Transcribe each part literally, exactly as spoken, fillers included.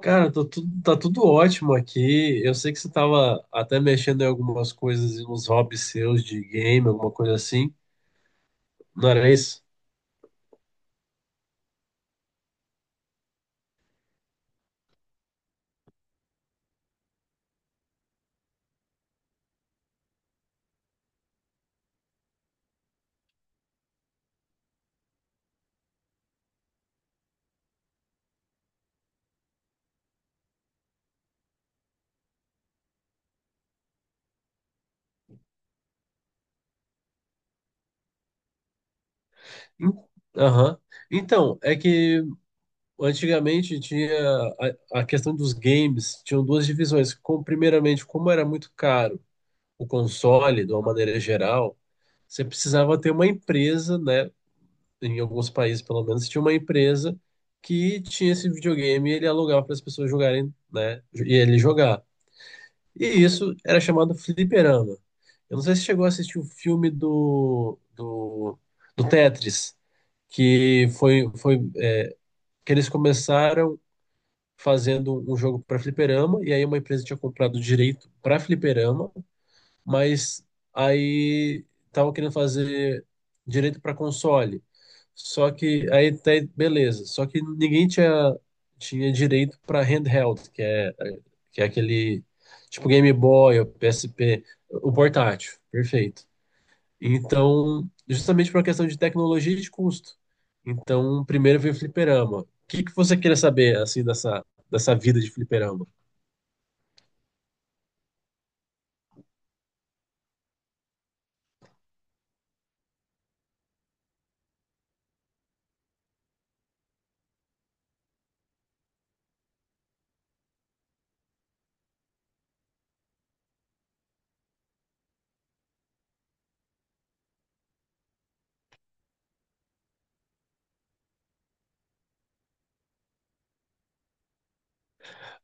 Cara, tô tudo- tá tudo ótimo aqui. Eu sei que você tava até mexendo em algumas coisas, nos hobbies seus de game, alguma coisa assim. Não era isso? Em- Aham. Então, é que antigamente tinha a, a questão dos games, tinham duas divisões. Com, primeiramente, como era muito caro o console, de uma maneira geral, você precisava ter uma empresa, né? Em alguns países, pelo menos, tinha uma empresa que tinha esse videogame e ele alugava para as pessoas jogarem, né? E ele jogar. E isso era chamado fliperama. Eu não sei se chegou a assistir o filme do, do, do Tetris, que foi, foi é, que eles começaram fazendo um jogo para fliperama, e aí uma empresa tinha comprado o direito para fliperama, mas aí tava querendo fazer direito para console. Só que aí até beleza, só que ninguém tinha tinha direito para handheld, que é que é aquele tipo Game Boy ou P S P, o portátil, perfeito. Então, justamente por uma questão de tecnologia e de custo. Então, primeiro veio o fliperama. O que que você queria saber assim dessa dessa vida de fliperama?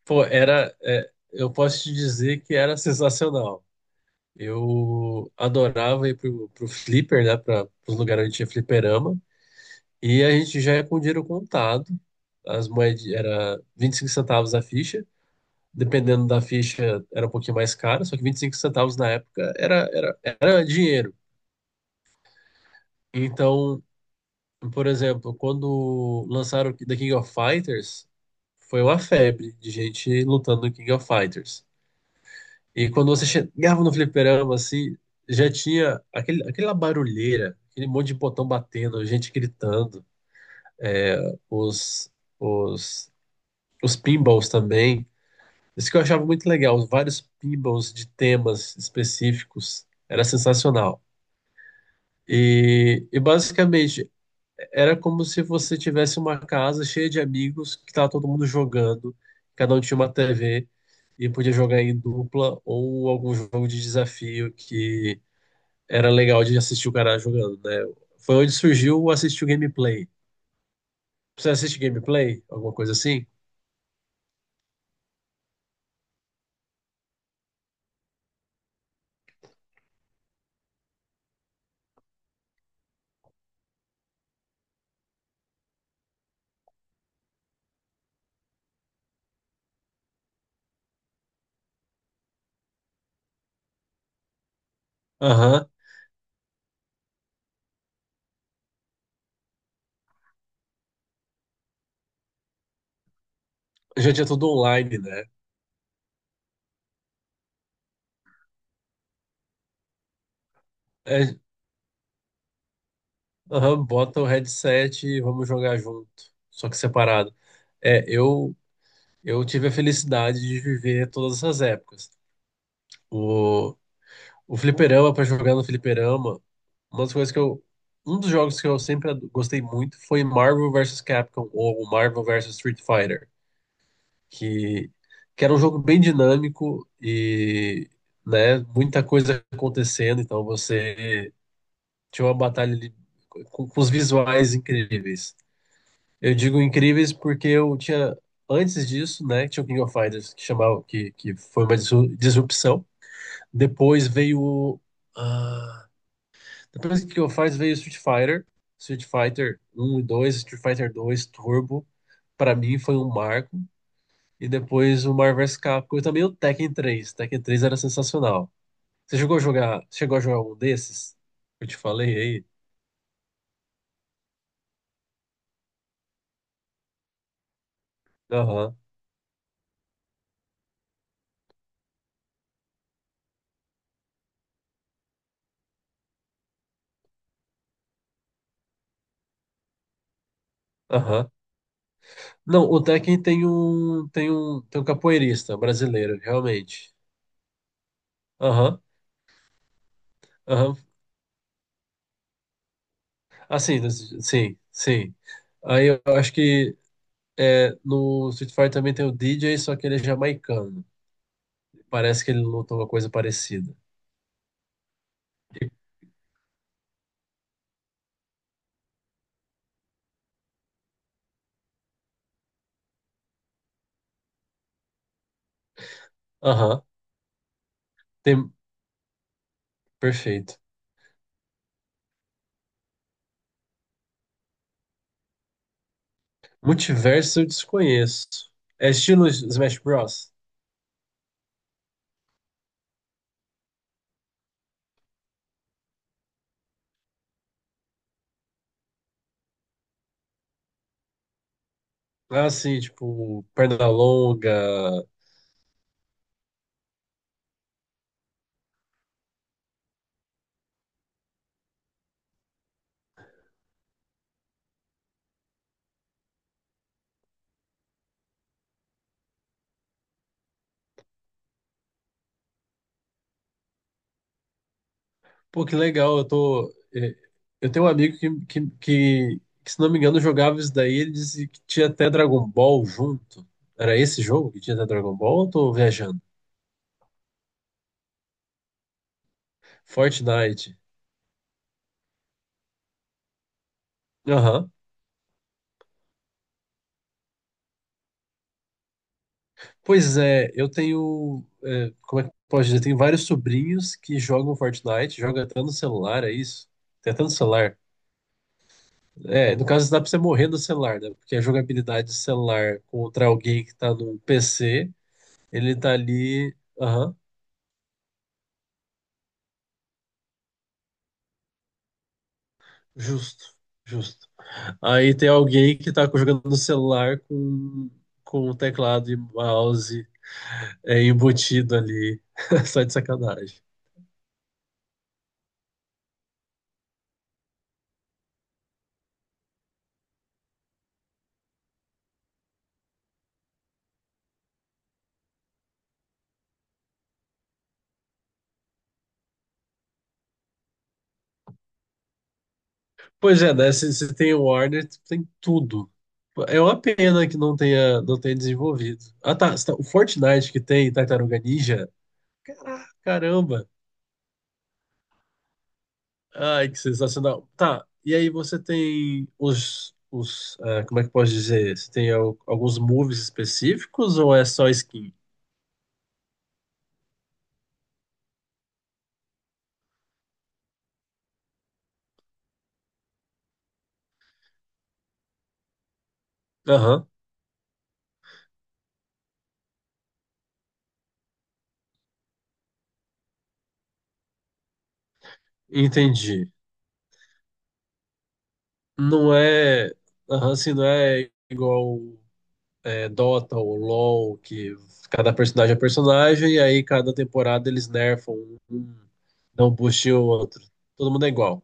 Pô, era é, eu posso te dizer que era sensacional. Eu adorava ir pro, pro Flipper, né? Para os lugares onde tinha fliperama. E a gente já ia com o dinheiro contado. As moedas era vinte e cinco centavos a ficha. Dependendo da ficha, era um pouquinho mais caro. Só que vinte e cinco centavos na época era, era, era dinheiro. Então, por exemplo, quando lançaram o The King of Fighters, foi uma febre de gente lutando no King of Fighters. E quando você chegava no fliperama, assim, já tinha aquele, aquela barulheira, aquele monte de botão batendo, gente gritando, os, os, os pinballs também. Isso que eu achava muito legal, os vários pinballs de temas específicos, era sensacional. E, e basicamente era como se você tivesse uma casa cheia de amigos que estava todo mundo jogando, cada um tinha uma T V e podia jogar em dupla ou algum jogo de desafio que era legal de assistir o cara jogando, né? Foi onde surgiu o assistir o gameplay. Você assiste gameplay? Alguma coisa assim? Aham. Já tinha tudo online, né? É, aham, bota o headset e vamos jogar junto, só que separado. É, eu eu tive a felicidade de viver todas essas épocas. O, O fliperama, pra jogar no fliperama, uma das coisas que eu. Um dos jogos que eu sempre ad- gostei muito foi Marvel versus Capcom, ou Marvel versus Street Fighter, que, que era um jogo bem dinâmico e, né, muita coisa acontecendo, então você tinha uma batalha ali com, com os visuais incríveis. Eu digo incríveis porque eu tinha, antes disso, né, tinha o King of Fighters, que chamava, que, que foi uma disru- disrupção. Depois veio o. ah, Depois que eu faz veio Street Fighter, Street Fighter um e dois, Street Fighter dois Turbo, para mim foi um marco. E depois o Marvel vs Capcom e também o Tekken três, Tekken três era sensacional. Você chegou a jogar, chegou a jogar um desses? Eu te falei aí. Aham. Aham. Não, o Tekken tem um, tem um, tem um capoeirista brasileiro, realmente. Aham. Aham. Assim, sim, sim. Aí eu acho que é, no Street Fighter também tem o D J, só que ele é jamaicano. Parece que ele lutou uma coisa parecida. Aham, tem... perfeito. Multiverso eu desconheço. É estilo Smash Bros. Ah, sim, tipo, perna longa. Pô, que legal, eu tô. é, Eu tenho um amigo que, que, que, que, se não me engano, jogava isso daí. Ele disse que tinha até Dragon Ball junto. Era esse jogo que tinha até Dragon Ball ou eu tô viajando? Fortnite. Aham. Pois é, eu tenho. É, como é que eu posso dizer? Tenho vários sobrinhos que jogam Fortnite, jogam até no celular, é isso? Tem até no celular. É, no caso, dá pra você morrer no celular, né? Porque a jogabilidade de celular contra alguém que tá no P C, ele tá ali. Aham, justo, justo. Aí tem alguém que tá jogando no celular com, com teclado e mouse. É embutido ali, só de sacanagem. Pois é, né? Se, se tem o Warner, tem tudo. É uma pena que não tenha, não tenha desenvolvido. Ah, tá. Tá, o Fortnite que tem Tartaruga Ninja. Caraca, caramba! Ai, que sensacional. Tá, e aí você tem os, os ah, como é que eu posso dizer? Você tem al- alguns moves específicos ou é só skin? Aham, entendi. Não é, aham, assim, não é igual é, Dota ou LoL, que cada personagem é personagem e aí cada temporada eles nerfam um, dão um boost em outro. Todo mundo é igual.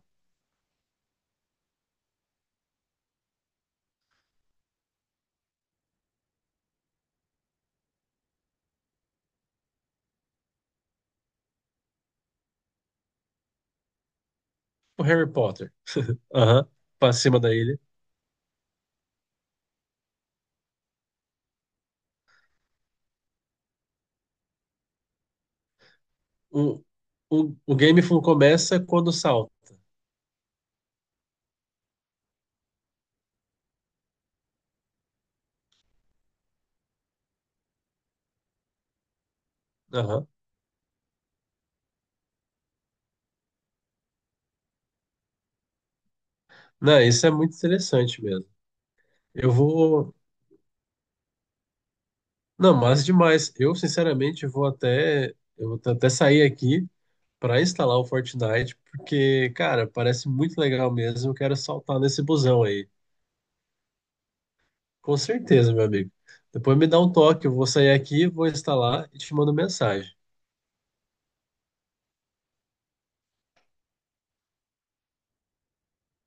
O Harry Potter, aham, pra cima da ilha. O, o, o game fu- começa quando salta. Aham. Não, isso é muito interessante mesmo. Eu vou. Não, mas demais. Eu, sinceramente, vou até. Eu vou até sair aqui para instalar o Fortnite, porque, cara, parece muito legal mesmo. Eu quero saltar nesse busão aí. Com certeza, meu amigo. Depois me dá um toque. Eu vou sair aqui, vou instalar e te mando mensagem.